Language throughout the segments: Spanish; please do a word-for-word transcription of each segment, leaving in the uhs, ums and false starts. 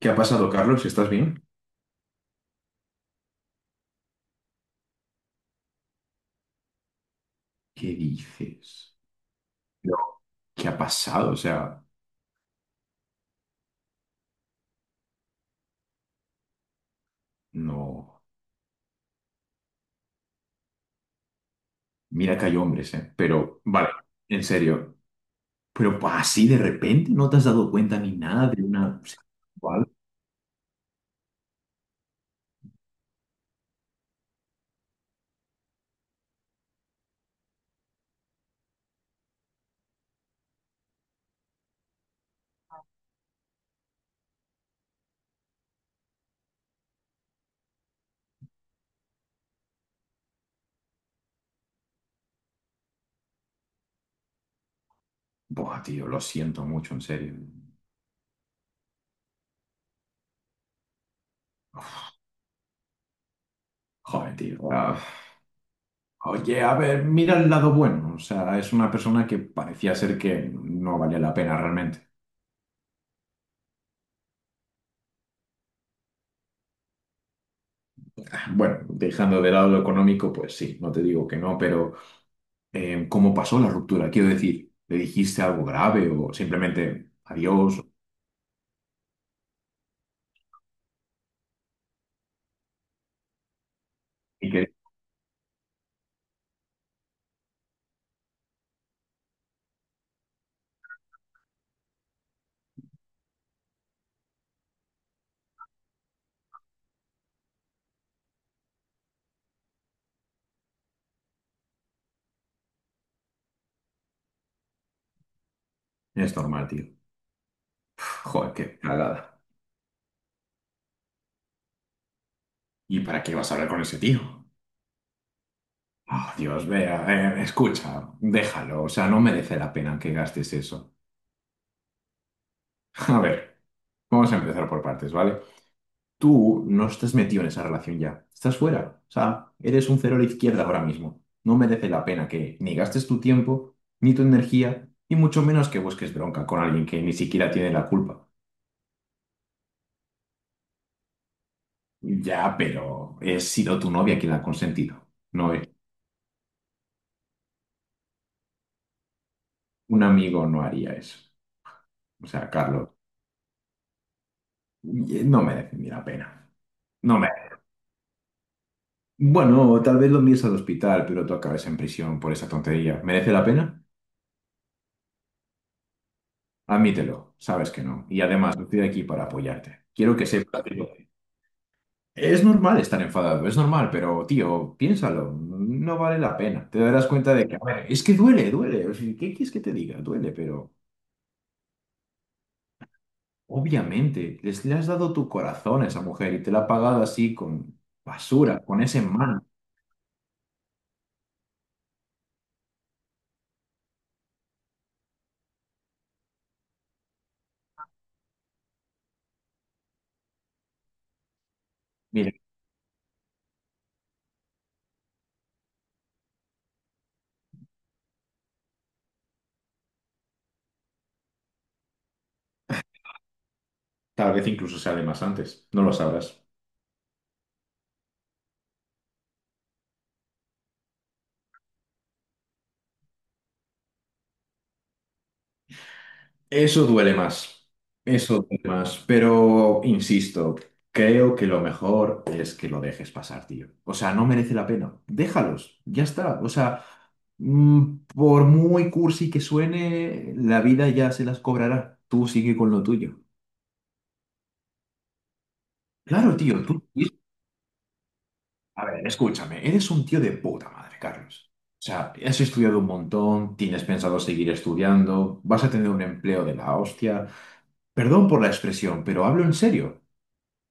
¿Qué ha pasado, Carlos? ¿Estás bien? ¿Qué dices? No. ¿Qué ha pasado? O sea, no. Mira que hay hombres, ¿eh? Pero, vale, en serio. Pero pues, así de repente no te has dado cuenta ni nada de una... ¿Cuál? Buah, tío, lo siento mucho, en serio. Joder, tío. Ah, Oye, a ver, mira el lado bueno. O sea, es una persona que parecía ser que no valía la pena realmente. Bueno, dejando de lado lo económico, pues sí, no te digo que no, pero... eh, ¿cómo pasó la ruptura? Quiero decir, ¿le dijiste algo grave o simplemente adiós? Y que es normal, tío. Joder, qué cagada. ¿Y para qué vas a hablar con ese tío? Ah, Dios, vea, eh, escucha, déjalo. O sea, no merece la pena que gastes eso. A ver, vamos a empezar por partes, ¿vale? Tú no estás metido en esa relación ya. Estás fuera. O sea, eres un cero a la izquierda ahora mismo. No merece la pena que ni gastes tu tiempo, ni tu energía, y mucho menos que busques bronca con alguien que ni siquiera tiene la culpa. Ya, pero he sido tu novia quien la ha consentido. No, es- un amigo no haría eso. O sea, Carlos, y- no merece ni la pena. No me. Bueno, tal vez lo envíes al hospital, pero tú acabes en prisión por esa tontería. ¿Merece la pena? Admítelo, sabes que no. Y además, estoy aquí para apoyarte. Quiero que sepas. Que es normal estar enfadado, es normal, pero tío, piénsalo, no vale la pena. Te darás cuenta de que, a ver, es que duele, duele. O sea, ¿qué quieres que te diga? Duele, pero. Obviamente, les, le has dado tu corazón a esa mujer y te la ha pagado así con basura, con ese mal. Mira, tal vez incluso sea de más antes, no lo sabrás. Eso duele más, eso duele más, pero insisto, creo que lo mejor es que lo dejes pasar, tío. O sea, no merece la pena. Déjalos, ya está. O sea, mm, por muy cursi que suene, la vida ya se las cobrará. Tú sigue con lo tuyo. Claro, tío, tú. A ver, escúchame, eres un tío de puta madre, Carlos. O sea, has estudiado un montón, tienes pensado seguir estudiando, vas a tener un empleo de la hostia. Perdón por la expresión, pero hablo en serio.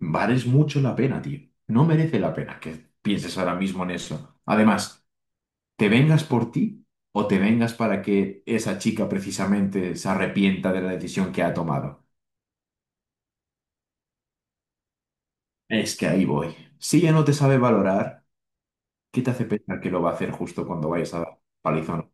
Vales mucho la pena, tío. No merece la pena que pienses ahora mismo en eso. Además, ¿te vengas por ti o te vengas para que esa chica precisamente se arrepienta de la decisión que ha tomado? Es que ahí voy. Si ella no te sabe valorar, ¿qué te hace pensar que lo va a hacer justo cuando vayas a dar palizón?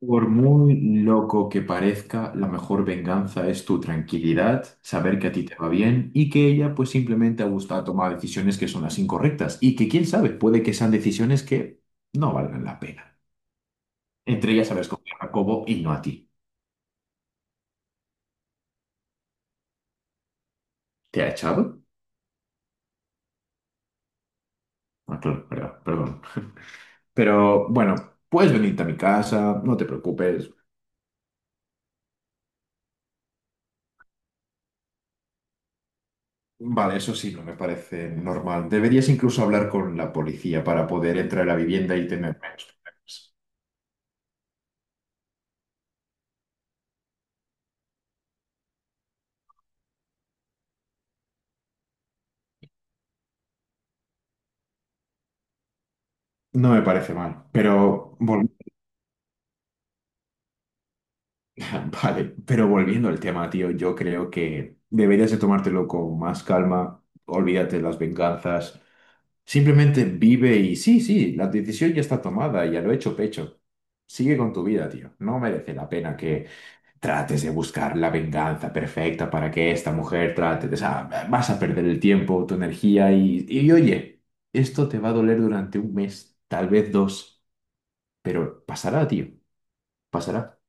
Por muy loco que parezca, la mejor venganza es tu tranquilidad, saber que a ti te va bien y que ella pues simplemente ha gustado tomar decisiones que son las incorrectas y que quién sabe, puede que sean decisiones que no valgan la pena. Entre ellas sabes con Jacobo y no a ti. ¿Te ha echado? Ah, claro, verdad, perdón. Pero bueno, puedes venirte a mi casa, no te preocupes. Vale, eso sí, no me parece normal. Deberías incluso hablar con la policía para poder entrar a la vivienda y tener menos problemas. No me parece mal, pero vol- Vale, pero volviendo al tema, tío, yo creo que deberías de tomártelo con más calma, olvídate de las venganzas, simplemente vive y sí, sí, la decisión ya está tomada, ya lo he hecho pecho. Sigue con tu vida, tío. No merece la pena que trates de buscar la venganza perfecta para que esta mujer trate de... O sea, vas a perder el tiempo, tu energía y, y oye, esto te va a doler durante un mes, tal vez dos, pero pasará, tío, pasará.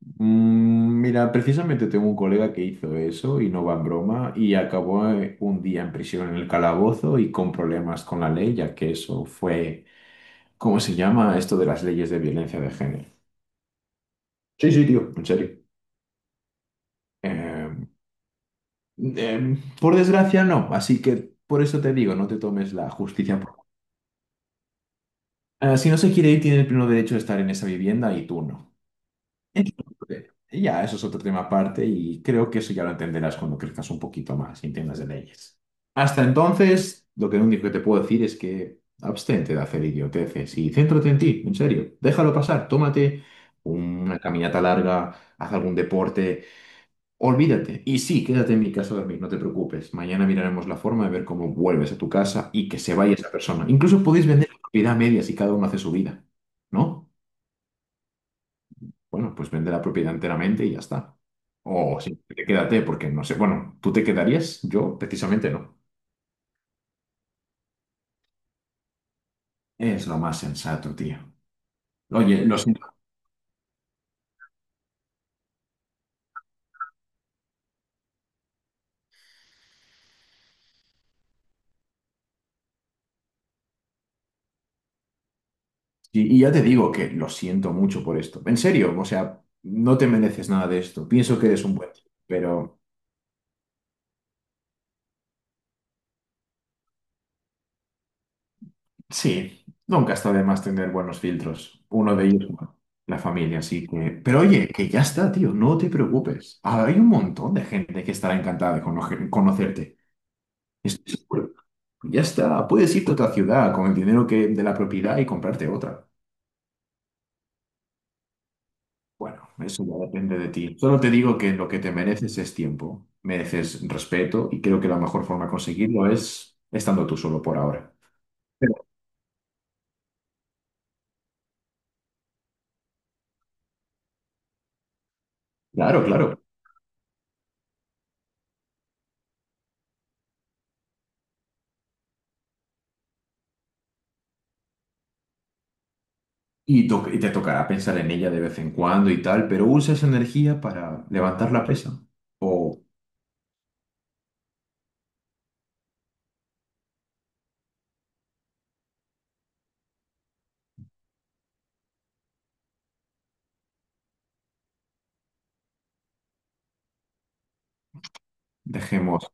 Mm, Mira, precisamente tengo un colega que hizo eso y no va en broma y acabó eh, un día en prisión en el calabozo y con problemas con la ley, ya que eso fue, ¿cómo se llama esto de las leyes de violencia de género? Sí, sí, tío, en serio. Eh, eh, por desgracia no, así que por eso te digo, no te tomes la justicia por... Eh, si no se quiere ir, tiene el pleno derecho de estar en esa vivienda y tú no. Entonces, y ya, eso es otro tema aparte y creo que eso ya lo entenderás cuando crezcas un poquito más y entiendas de leyes. Hasta entonces, lo que lo único que te puedo decir es que abstente de hacer idioteces y céntrate en ti, en serio. Déjalo pasar, tómate una caminata larga, haz algún deporte, olvídate. Y sí, quédate en mi casa a dormir, no te preocupes. Mañana miraremos la forma de ver cómo vuelves a tu casa y que se vaya esa persona. Incluso podéis vender la propiedad a medias y cada uno hace su vida, ¿no? Bueno, pues vende la propiedad enteramente y ya está. O Mm. Quédate, porque no sé. Bueno, ¿tú te quedarías? Yo precisamente no. Es lo más sensato, tío. Oye, lo siento. Y y ya te digo que lo siento mucho por esto. En serio, o sea, no te mereces nada de esto. Pienso que eres un buen tío. Pero sí, nunca está de más tener buenos filtros. Uno de ellos, bueno, la familia, así que... Pero oye, que ya está, tío, no te preocupes. Hay un montón de gente que estará encantada de conocer- conocerte. Estoy seguro. Ya está, puedes irte a otra ciudad con el dinero que, de la propiedad y comprarte otra. Bueno, eso ya depende de ti. Solo te digo que lo que te mereces es tiempo, mereces respeto y creo que la mejor forma de conseguirlo es estando tú solo por ahora. Pero, claro, claro. Y, to- y te tocará pensar en ella de vez en cuando y tal, pero usa esa energía para levantar la pesa. O dejemos...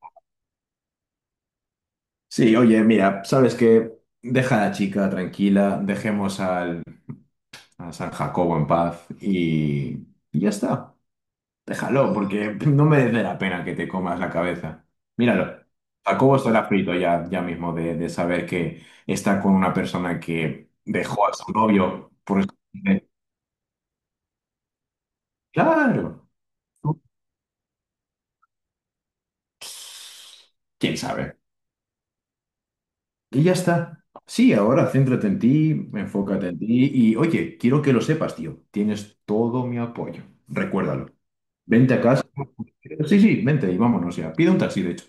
Sí, oye, mira, ¿sabes qué? Deja a la chica tranquila, dejemos al, a San Jacobo en paz y y ya está. Déjalo, porque no merece la pena que te comas la cabeza. Míralo. Jacobo estará frito ya, ya mismo de, de saber que está con una persona que dejó a su novio por... escondite. Claro, quién sabe. Y ya está. Sí, ahora céntrate en ti, enfócate en ti y oye, quiero que lo sepas, tío. Tienes todo mi apoyo. Recuérdalo. Vente a casa. Sí, sí, vente y vámonos ya. Pide un taxi, de hecho.